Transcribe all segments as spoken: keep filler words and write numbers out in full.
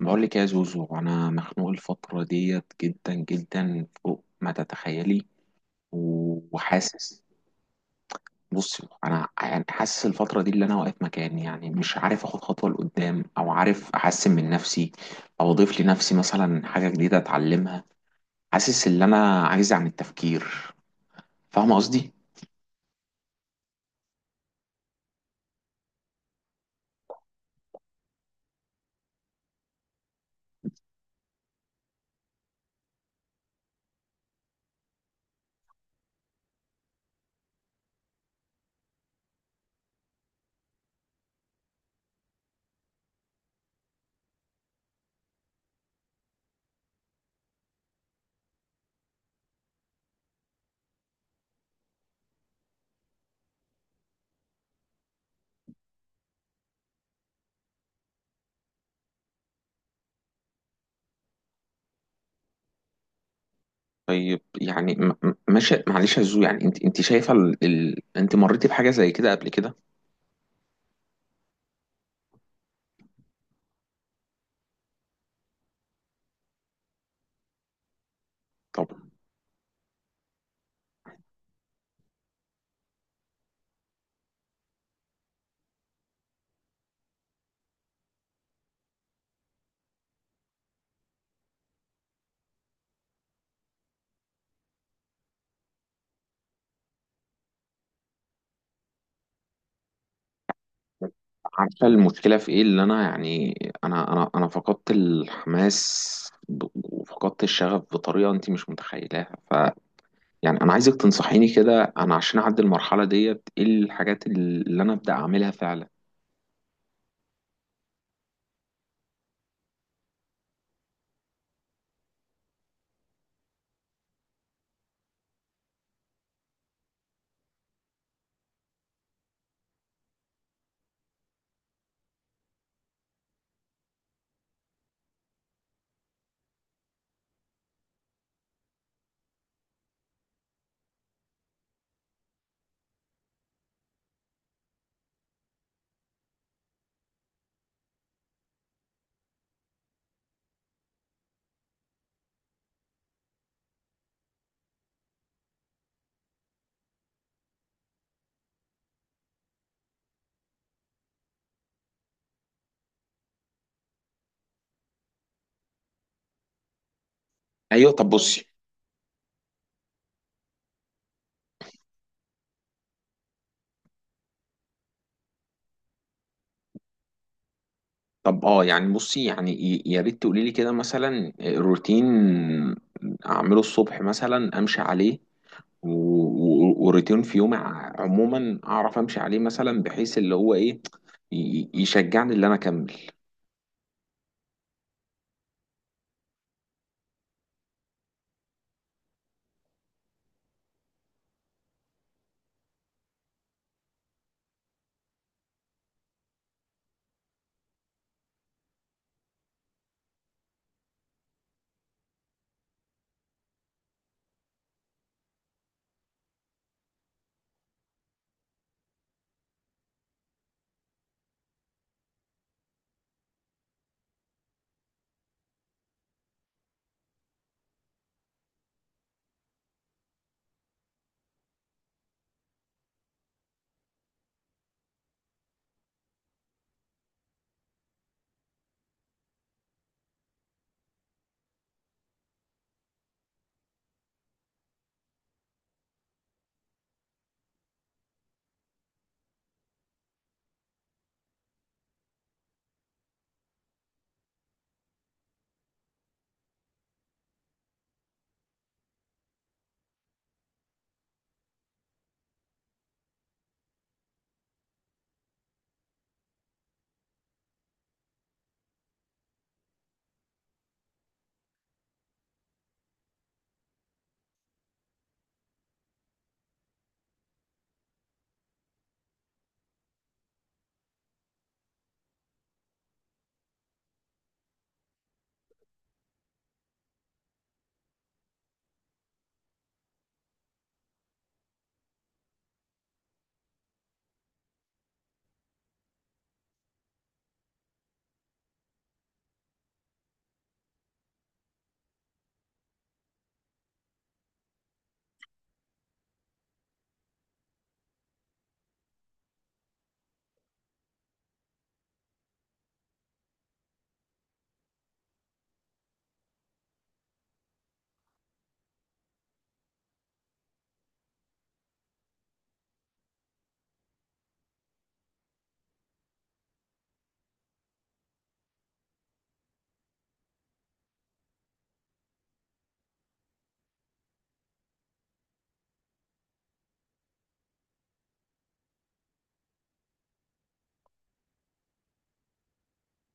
بقول لك يا زوزو، انا مخنوق الفتره ديت جدا جدا فوق ما تتخيلي. و- وحاسس. بصي، انا يعني حاسس الفتره دي اللي انا واقف مكاني، يعني مش عارف اخد خطوه لقدام او عارف احسن من نفسي، او اضيف لنفسي مثلا حاجه جديده اتعلمها. حاسس ان انا عايز عن التفكير. فاهمه قصدي؟ طيب، يعني م- م- ماشي، معلش يا زوزو، يعني انت انت شايفه ال... ال... انت مريتي بحاجه زي كده قبل كده؟ طب، عارفة المشكلة في ايه؟ اللي انا يعني، انا انا انا فقدت الحماس، ب- وفقدت الشغف بطريقة انت مش متخيلاها. ف يعني انا عايزك تنصحيني كده، انا عشان اعدي المرحلة ديت ايه الحاجات اللي انا ابدأ اعملها فعلا. ايوه، طب بصي. طب اه، يعني بصي، يعني ي- يا ريت تقولي لي كده مثلا روتين اعمله الصبح مثلا امشي عليه، و- و- وروتين في يومي ع- عموما اعرف امشي عليه مثلا، بحيث اللي هو ايه ي- ي- يشجعني اللي انا اكمل.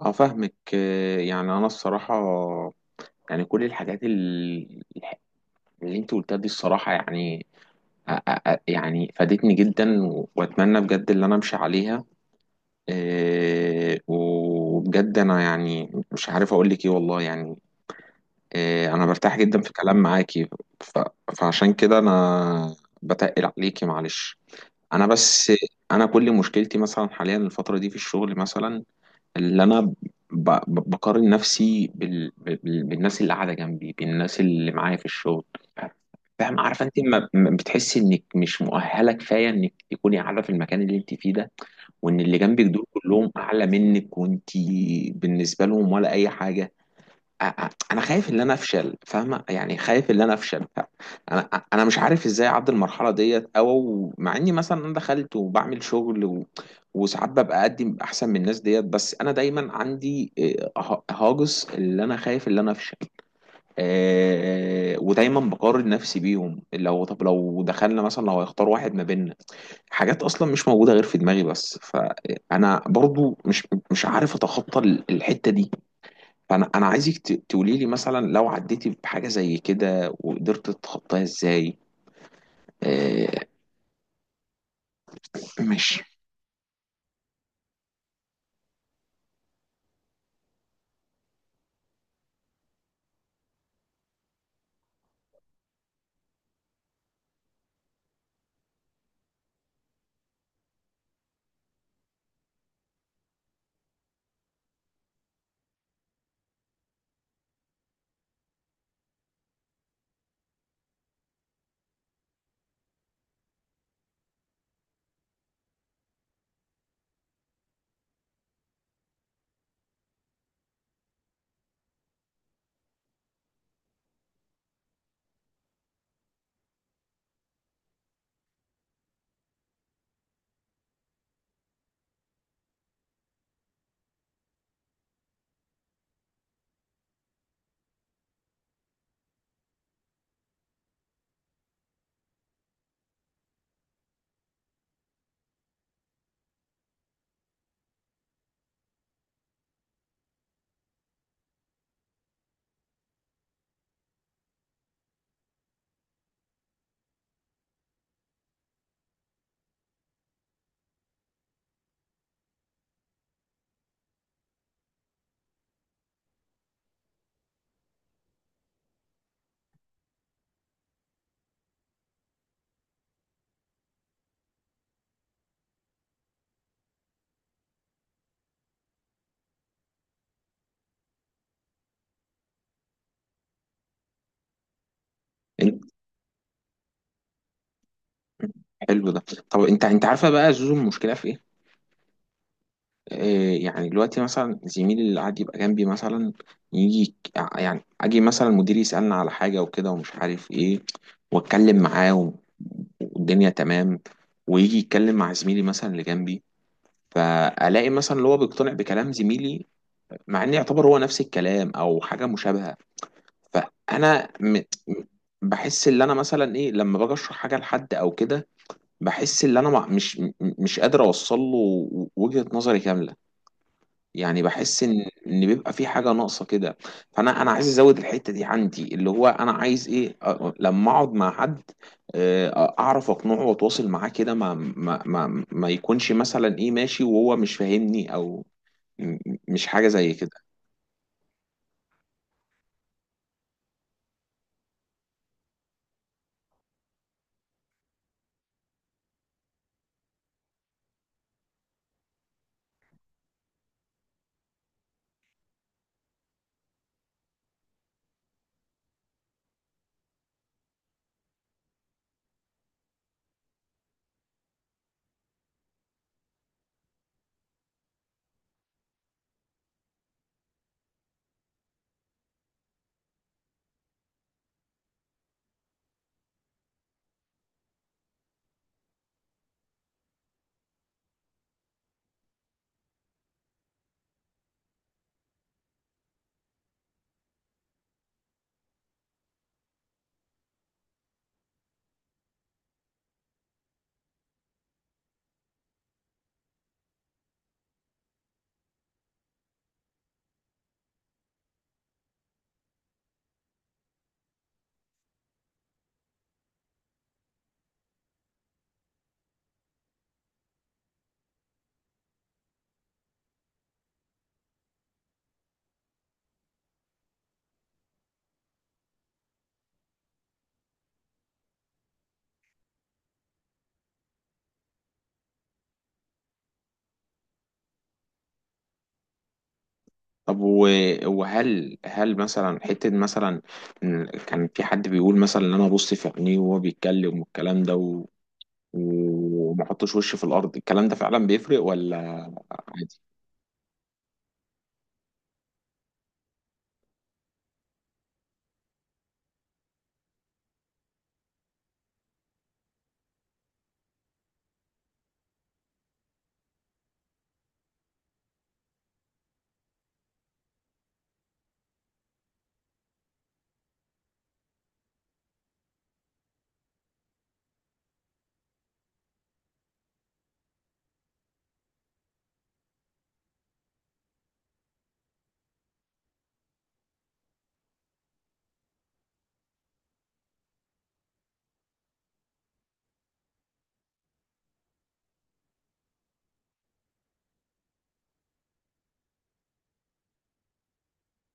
اه، فاهمك. آه، يعني انا الصراحه، يعني كل الحاجات ال- اللي انت قلتها دي الصراحه، يعني أ- أ- أ- يعني فادتني جدا، و- واتمنى بجد اللي انا امشي عليها. آه، وبجد انا يعني مش عارف اقول لك ايه، والله يعني. آه، انا برتاح جدا في كلام معاكي. ف- فعشان كده انا بتقل عليكي، معلش. انا بس. انا كل مشكلتي مثلا حاليا الفتره دي في الشغل مثلا، اللي انا ب- ب- بقارن نفسي بال... بال... بالناس اللي قاعده جنبي، بالناس اللي معايا في الشغل. فاهم؟ عارفه انت ما ما بتحسي انك مش مؤهله كفايه انك تكوني قاعده في المكان اللي انت فيه ده، وان اللي جنبك دول كلهم اعلى منك وانت بالنسبه لهم ولا اي حاجه؟ أ- انا خايف ان انا افشل، فاهمه؟ يعني خايف ان انا افشل. ف- انا انا مش عارف ازاي اعدي المرحله ديت، او مع اني مثلا انا دخلت وبعمل شغل و... وساعات ببقى اقدم احسن من الناس ديت، بس انا دايما عندي آه، ه- هاجس اللي انا خايف ان انا افشل. آه، ودايما بقارن نفسي بيهم. لو، طب لو دخلنا مثلا لو هيختار واحد ما بيننا، حاجات اصلا مش موجوده غير في دماغي، بس فانا برضو مش مش عارف اتخطى الحته دي. فانا انا عايزك ت- تقولي لي مثلا لو عديتي بحاجه زي كده وقدرت تتخطاها ازاي. آه، ماشي. إن- حلو ده. طب انت انت عارفه بقى زوزو المشكله في ايه؟ آه يعني دلوقتي مثلا زميلي اللي قاعد يبقى جنبي مثلا، يجي يك- يعني اجي مثلا مديري يسالنا على حاجه وكده ومش عارف ايه، واتكلم معاه و- والدنيا تمام، ويجي يتكلم مع زميلي مثلا اللي جنبي، فالاقي مثلا اللي هو بيقتنع بكلام زميلي، مع ان يعتبر هو نفس الكلام او حاجه مشابهه. فانا م... م- بحس ان انا مثلا ايه لما باجي اشرح حاجه لحد او كده، بحس ان انا مع- مش م- مش قادر اوصل له وجهه نظري كامله. يعني بحس ان ان بيبقى في حاجه ناقصه كده. فانا انا عايز ازود الحته دي عندي، اللي هو انا عايز ايه أ- لما اقعد مع حد، آه، اعرف اقنعه واتواصل معاه كده، ما ما ما ما يكونش مثلا ايه ماشي وهو مش فاهمني، او م- مش حاجه زي كده. طب و- وهل هل مثلا حتة مثلا إن كان في حد بيقول مثلا ان انا ابص في عينيه وهو بيتكلم والكلام ده و... وما احطش وشي في الارض، الكلام ده فعلا بيفرق ولا عادي؟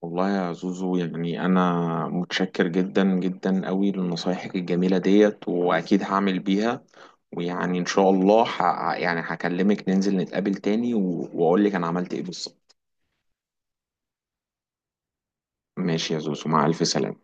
والله يا زوزو، يعني انا متشكر جدا جدا قوي لنصايحك الجميلة ديت، واكيد هعمل بيها. ويعني ان شاء الله ح... يعني هكلمك ننزل نتقابل تاني و... واقول لك انا عملت ايه بالظبط. ماشي يا زوزو، مع الف سلامة.